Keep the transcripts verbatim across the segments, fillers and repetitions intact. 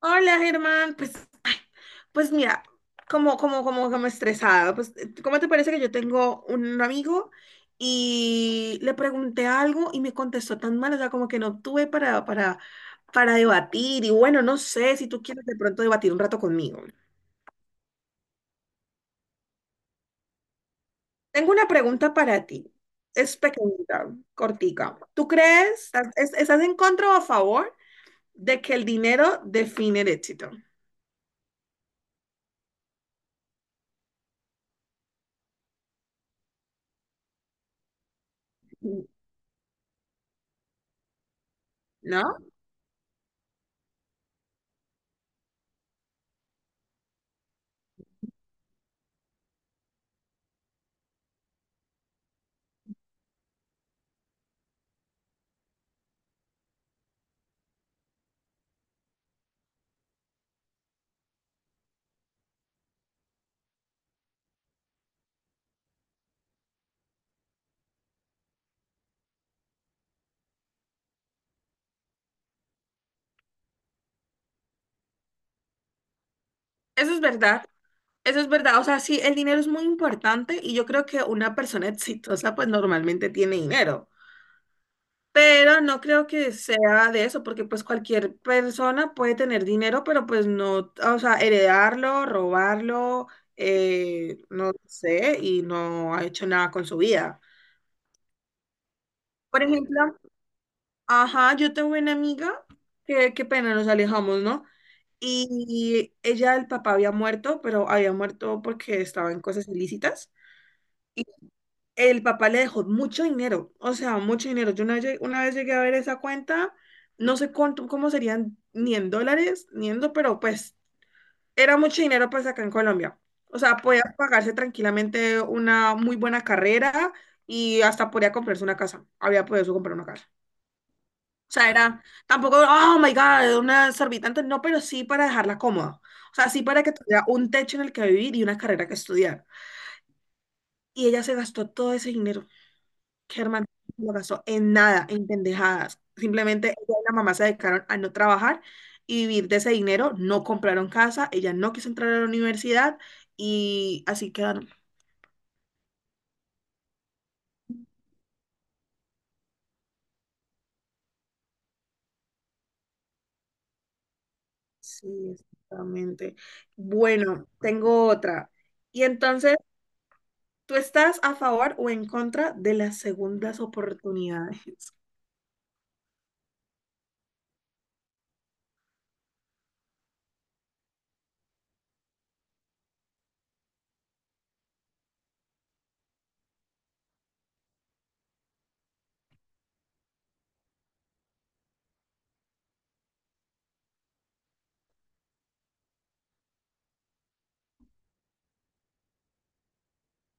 Hola, Germán. Pues, ay, pues mira, como, como, como, como estresada. Pues, eh, ¿cómo te parece que yo tengo un amigo y le pregunté algo y me contestó tan mal? O sea, como que no tuve para, para, para debatir. Y bueno, no sé si tú quieres de pronto debatir un rato conmigo. Tengo una pregunta para ti. Es pequeñita, cortica. ¿Tú crees, estás, es- estás en contra o a favor de que el dinero define el éxito? ¿No? Eso es verdad. Eso es verdad, o sea, sí, el dinero es muy importante y yo creo que una persona exitosa pues normalmente tiene dinero, pero no creo que sea de eso, porque pues cualquier persona puede tener dinero, pero pues no, o sea, heredarlo, robarlo, eh, no sé, y no ha hecho nada con su vida. Por ejemplo, ajá, yo tengo una amiga, que qué pena, nos alejamos, ¿no? Y ella, el papá había muerto, pero había muerto porque estaba en cosas ilícitas. El papá le dejó mucho dinero, o sea, mucho dinero. Yo una, lle- una vez llegué a ver esa cuenta, no sé cuánto, cómo serían, ni en dólares, ni en, do- pero pues era mucho dinero pues acá en Colombia. O sea, podía pagarse tranquilamente una muy buena carrera y hasta podía comprarse una casa. Había podido comprar una casa. O sea, era tampoco, oh my God, una exorbitante, no, pero sí para dejarla cómoda. O sea, sí para que tuviera un techo en el que vivir y una carrera que estudiar. Y ella se gastó todo ese dinero. Germán no gastó en nada, en pendejadas. Simplemente ella y la mamá se dedicaron a no trabajar y vivir de ese dinero, no compraron casa, ella no quiso entrar a la universidad y así quedaron. Sí, exactamente. Bueno, tengo otra. Y entonces, ¿tú estás a favor o en contra de las segundas oportunidades?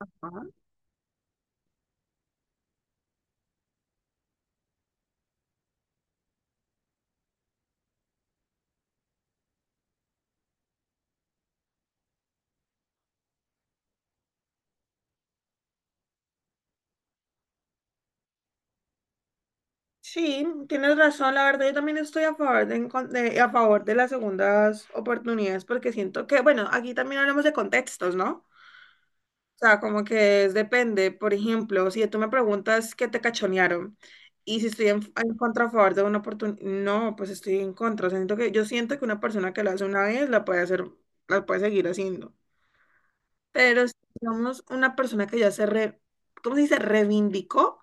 Sí, tienes razón, la verdad yo también estoy a favor de, encon- de- a favor de las segundas oportunidades porque siento que, bueno, aquí también hablamos de contextos, ¿no? O sea, como que es- depende, por ejemplo, si tú me preguntas qué te cachonearon y si estoy en, en contra a favor de una oportunidad, no, pues estoy en contra, o sea, siento que yo siento que una persona que lo hace una vez la puede hacer, la puede seguir haciendo, pero si somos una persona que ya se re, ¿cómo se dice? Reivindicó,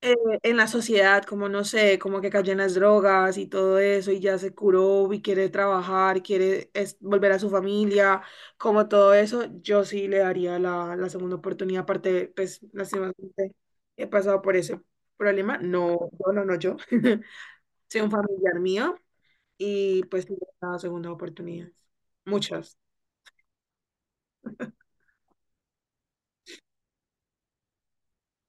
eh, en la sociedad, como no sé, como que cayó en las drogas y todo eso, y ya se curó y quiere trabajar, quiere es- volver a su familia, como todo eso, yo sí le daría la, la segunda oportunidad. Aparte, pues, lastimosamente, he pasado por ese problema. No, yo, no, no yo, soy un familiar mío y pues sí le he dado segundas oportunidades. Muchas.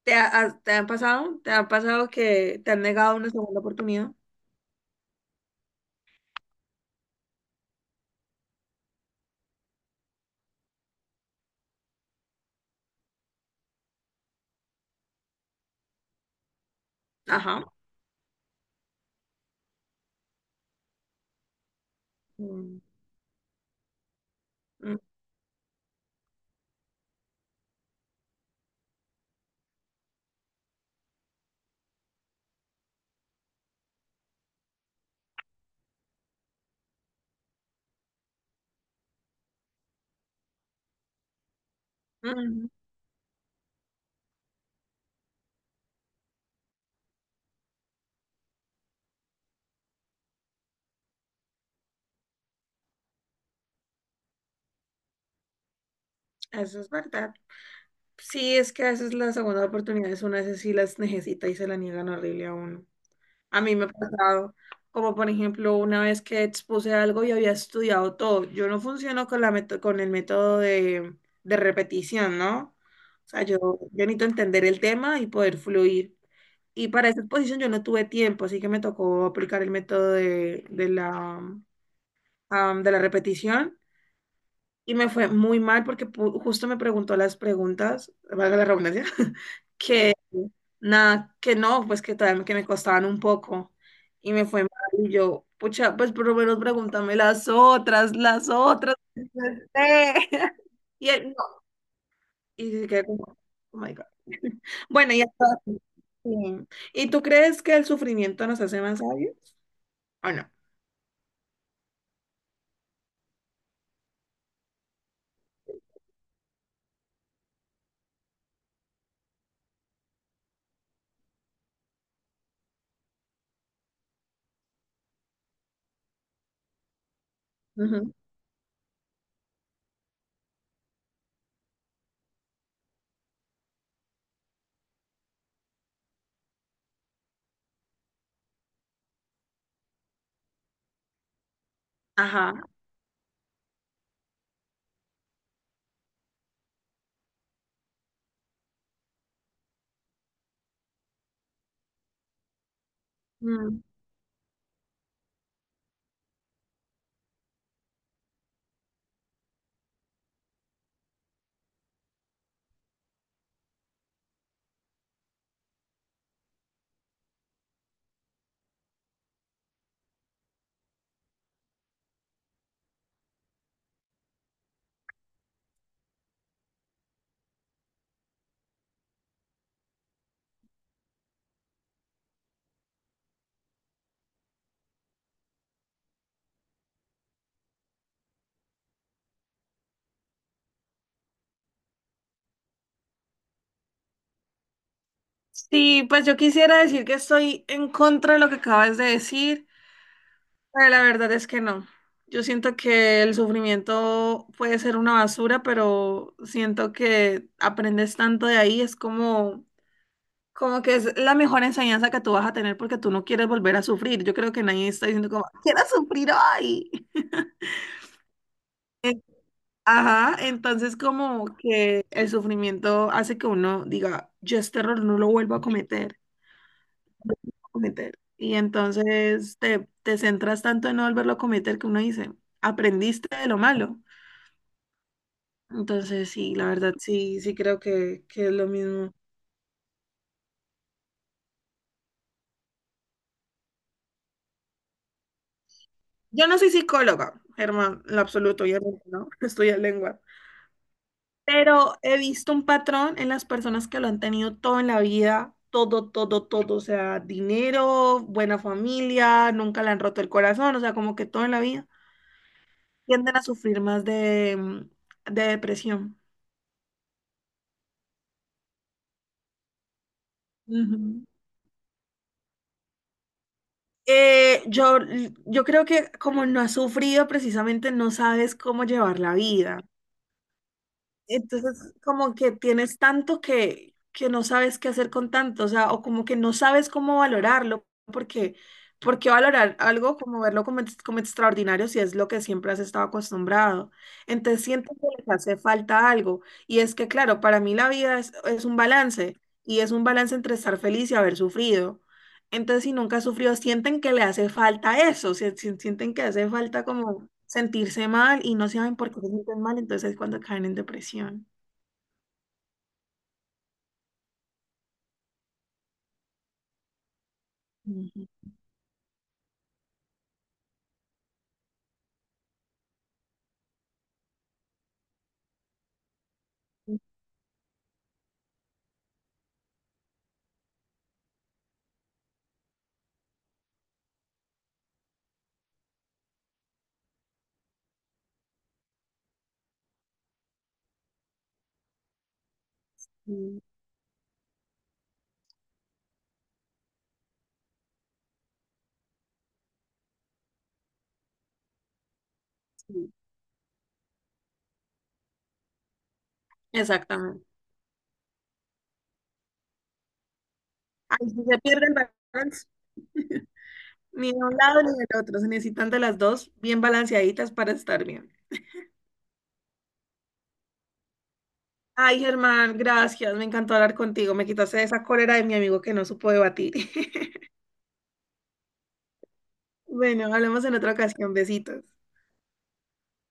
¿Te, ha- has- ¿te han pasado? ¿Te han pasado que te han negado una segunda oportunidad? Ajá. Mm, mm, mm, Eso es verdad. Sí, es que a veces las segundas oportunidades uno a veces sí las necesita y se la niegan horrible a uno. A mí me ha pasado, como por ejemplo, una vez que expuse algo y había estudiado todo. Yo no funciono con la meto- con el método de, de repetición, ¿no? O sea, yo, yo necesito entender el tema y poder fluir. Y para esa exposición yo no tuve tiempo, así que me tocó aplicar el método de, de la, am, de la repetición. Y me fue muy mal porque pu- justo me preguntó las preguntas, valga la redundancia, que nada, que no, pues que tal, que me costaban un poco. Y me fue mal. Y yo, pucha, pues por lo menos pregúntame las otras, las otras. Y él, no. Y se quedó como, oh my God. Bueno, y hasta- sí. ¿Y tú crees que el sufrimiento nos hace más sabios? ¿O no? Ujú. Ajá. Mm. Sí, pues yo quisiera decir que estoy en contra de lo que acabas de decir, pero la verdad es que no. Yo siento que el sufrimiento puede ser una basura, pero siento que aprendes tanto de ahí, es como como que es la mejor enseñanza que tú vas a tener porque tú no quieres volver a sufrir. Yo creo que nadie está diciendo como, quiero sufrir hoy. En- Ajá, entonces como que el sufrimiento hace que uno diga, yo este error no lo vuelvo a cometer, a cometer. Y entonces te, te centras tanto en no volverlo a cometer que uno dice, aprendiste de lo malo. Entonces sí, la verdad sí, sí creo que, que es lo mismo. Yo no soy psicóloga, Germán, en lo absoluto, obviamente, ¿no? Estudié lengua. Pero he visto un patrón en las personas que lo han tenido todo en la vida, todo, todo, todo, o sea, dinero, buena familia, nunca le han roto el corazón, o sea, como que todo en la vida, tienden a sufrir más de, mm, de depresión. Ujú. Eh, yo, yo creo que como no has sufrido, precisamente no sabes cómo llevar la vida. Entonces, como que tienes tanto que, que no sabes qué hacer con tanto, o sea, o como que no sabes cómo valorarlo, porque, porque valorar algo como verlo como, ex- como extraordinario si es lo que siempre has estado acostumbrado. Entonces, siento que les hace falta algo. Y es que, claro, para mí la vida es, es un balance, y es un balance entre estar feliz y haber sufrido. Entonces, si nunca sufrió, sienten que le hace falta eso, si- si- sienten que hace falta como sentirse mal y no saben por qué se sienten mal, entonces es cuando caen en depresión. Ujú, ujú, sí. Exactamente. Ahí sí se pierde el balance, ni de un lado ni del otro, se necesitan de las dos bien balanceaditas para estar bien. Ay, Germán, gracias, me encantó hablar contigo, me quitaste esa cólera de mi amigo que no supo debatir. Bueno, hablamos en otra ocasión, besitos.